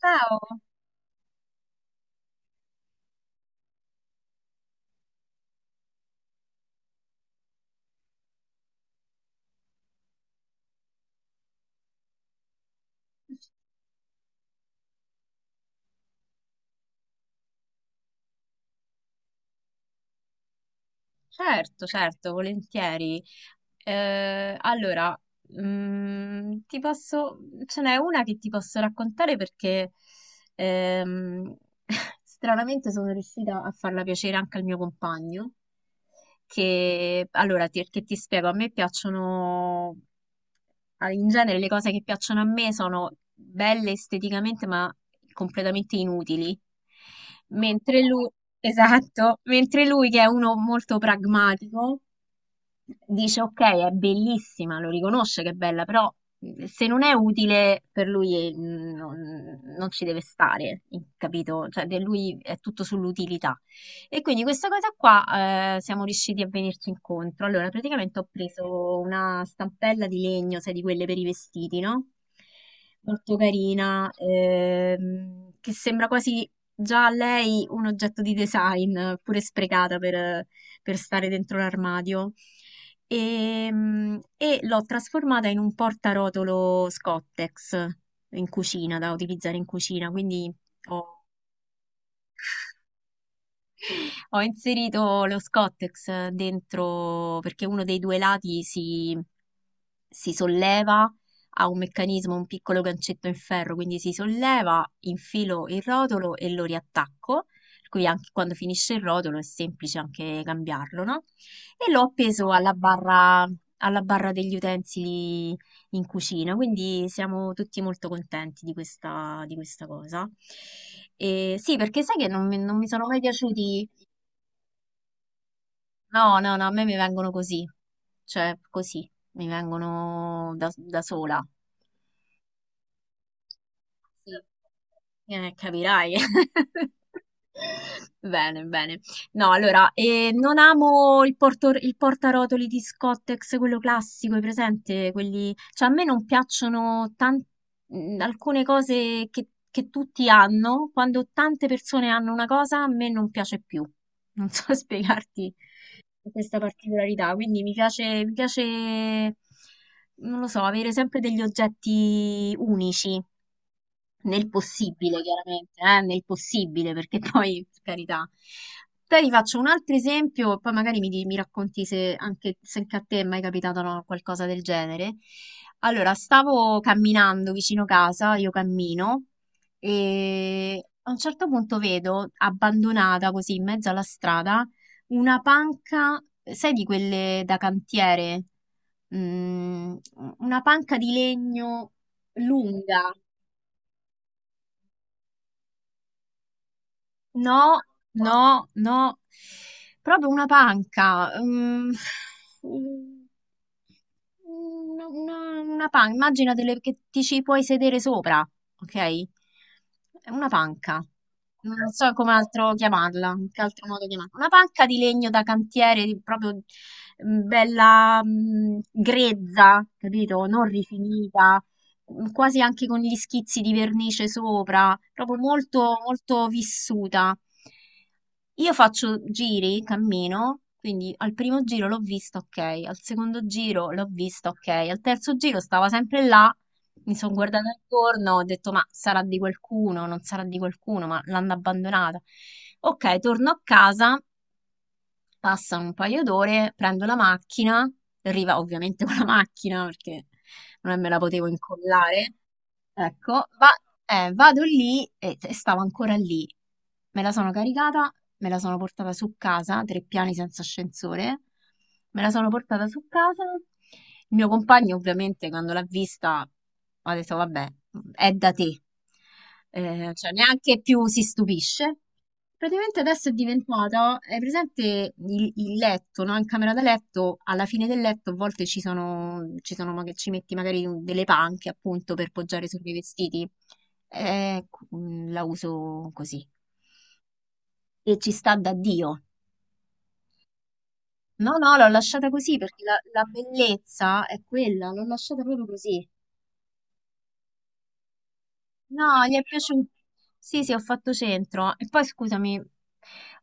Ciao, certo, certo, volentieri. Allora, ti posso, ce n'è una che ti posso raccontare perché ehm, stranamente sono riuscita a farla piacere anche al mio compagno. Che ti spiego, a me piacciono in genere le cose che piacciono a me sono belle esteticamente, ma completamente inutili. Mentre lui, esatto, mentre lui che è uno molto pragmatico, dice ok, è bellissima, lo riconosce che è bella, però se non è utile per lui non ci deve stare, capito? Cioè, per lui è tutto sull'utilità. E quindi questa cosa qua siamo riusciti a venirci incontro. Allora, praticamente ho preso una stampella di legno, sai, di quelle per i vestiti, no? Molto carina, che sembra quasi già a lei un oggetto di design, pure sprecata per stare dentro l'armadio. E l'ho trasformata in un portarotolo Scottex in cucina, da utilizzare in cucina, quindi ho ho inserito lo Scottex dentro perché uno dei due lati si solleva, ha un meccanismo, un piccolo gancetto in ferro, quindi si solleva, infilo il rotolo e lo riattacco. Per cui anche quando finisce il rotolo è semplice anche cambiarlo, no? E l'ho appeso alla barra degli utensili in cucina, quindi siamo tutti molto contenti di questa cosa. E sì, perché sai che non mi sono mai piaciuti. No, no, no, a me mi vengono così, cioè così, mi vengono da sola. Sì. Capirai. Bene, bene. No, allora, non amo il portarotoli di Scottex, quello classico, hai presente? Quelli... Cioè, a me non piacciono alcune cose che tutti hanno. Quando tante persone hanno una cosa, a me non piace più. Non so spiegarti questa particolarità. Quindi mi piace, non lo so, avere sempre degli oggetti unici nel possibile, chiaramente, nel possibile, perché poi, per carità. Poi ti faccio un altro esempio, poi magari mi racconti se anche a te è mai capitato no, qualcosa del genere. Allora, stavo camminando vicino casa, io cammino, e a un certo punto vedo, abbandonata così in mezzo alla strada, una panca, sai di quelle da cantiere? Mm, una panca di legno lunga. No, no, no, proprio una panca. Mm, una panca, che ti ci puoi sedere sopra, ok? È una panca. Non so come altro chiamarla, in che altro modo chiamarla. Una panca di legno da cantiere, proprio bella, grezza, capito? Non rifinita quasi anche con gli schizzi di vernice sopra, proprio molto, molto vissuta. Io faccio giri, cammino, quindi al primo giro l'ho visto, ok, al secondo giro l'ho visto, ok, al terzo giro stava sempre là, mi sono guardata intorno, ho detto ma sarà di qualcuno, non sarà di qualcuno, ma l'hanno abbandonata. Ok, torno a casa, passano un paio d'ore, prendo la macchina, arriva ovviamente con la macchina perché non me la potevo incollare. Ecco, va- vado lì e stavo ancora lì. Me la sono caricata, me la sono portata su casa, tre piani senza ascensore. Me la sono portata su casa. Il mio compagno, ovviamente, quando l'ha vista, ha detto: Vabbè, è da te. Cioè, neanche più si stupisce. Praticamente adesso è diventata, è presente il letto, no? In camera da letto, alla fine del letto a volte ci sono ci metti magari delle panche appunto per poggiare sui miei vestiti. La uso così. E ci sta da Dio. No, no, l'ho lasciata così perché la bellezza è quella, l'ho lasciata proprio così. No, gli è piaciuto. Sì, sì, ho fatto centro. E poi scusami,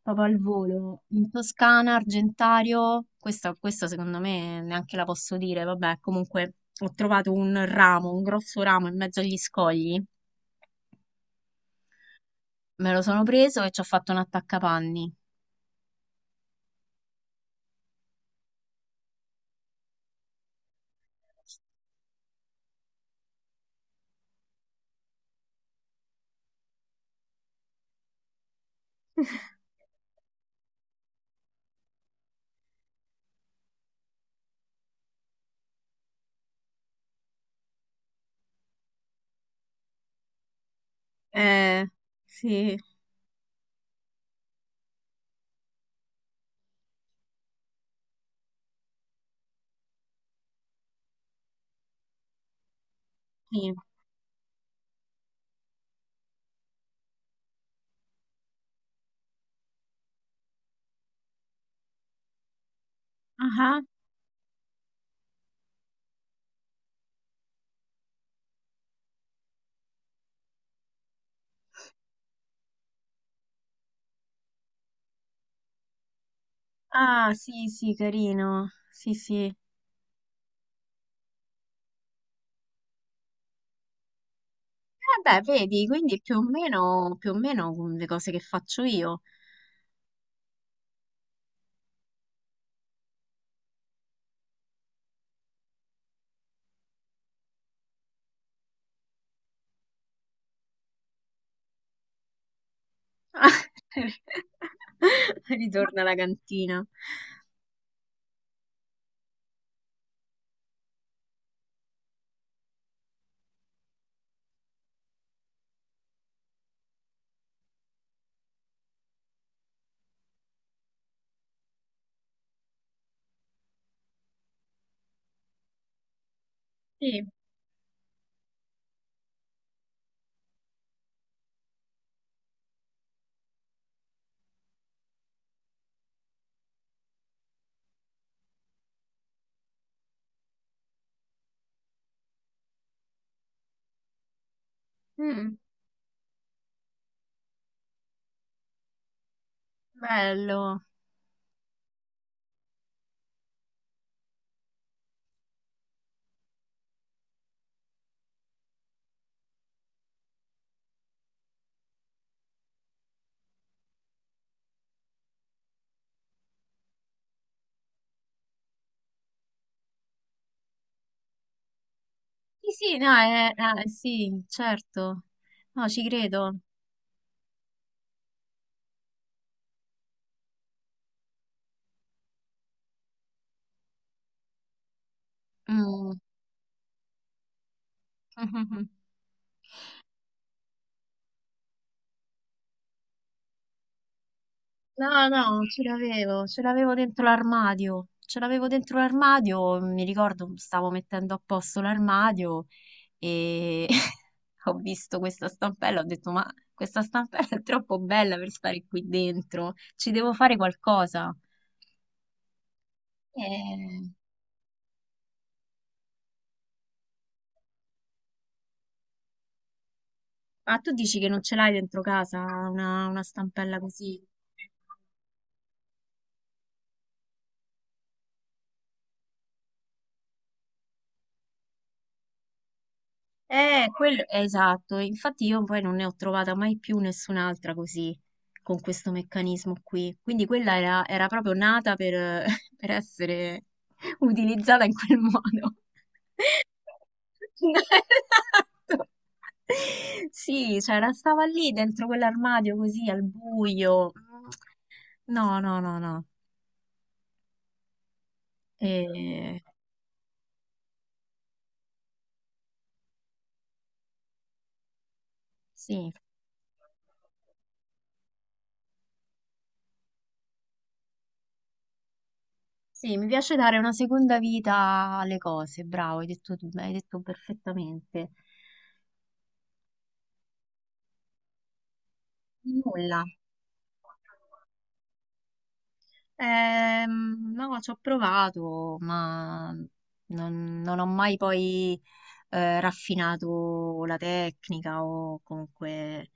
proprio al volo, in Toscana, Argentario, questa secondo me neanche la posso dire, vabbè, comunque ho trovato un ramo, un grosso ramo in mezzo agli scogli, me lo sono preso e ci ho fatto un attaccapanni. Eh, sì. Sì. Ah, ah, sì, sì, carino. Sì, sì. Eh beh, vedi, quindi è più o meno le cose che faccio io. Ritorna alla cantina. Sì, mm, bello. Sì, sì, no, sì, certo. No, ci credo. Mm. No, no, ce l'avevo dentro l'armadio. Ce l'avevo dentro l'armadio, mi ricordo, stavo mettendo a posto l'armadio e ho visto questa stampella, ho detto, ma questa stampella è troppo bella per stare qui dentro, ci devo fare qualcosa. Eh, ah, tu dici che non ce l'hai dentro casa una stampella così? Esatto, infatti io poi non ne ho trovata mai più nessun'altra così, con questo meccanismo qui. Quindi quella era proprio nata per, per essere utilizzata in quel modo. Esatto. Sì, cioè stava lì dentro quell'armadio così al buio. No, no, no, no. Eh, sì. Sì, mi piace dare una seconda vita alle cose, bravo, hai detto, hai detto perfettamente. Nulla. No, ci ho provato, ma non ho mai poi raffinato la tecnica o comunque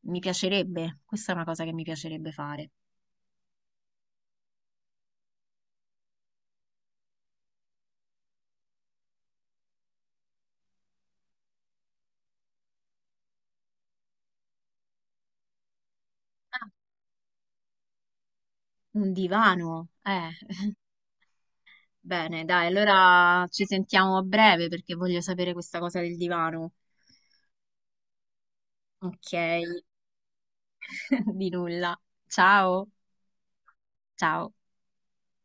mi piacerebbe, questa è una cosa che mi piacerebbe fare. Ah, un divano, eh. Bene, dai, allora ci sentiamo a breve perché voglio sapere questa cosa del divano. Ok. Di nulla. Ciao. Ciao.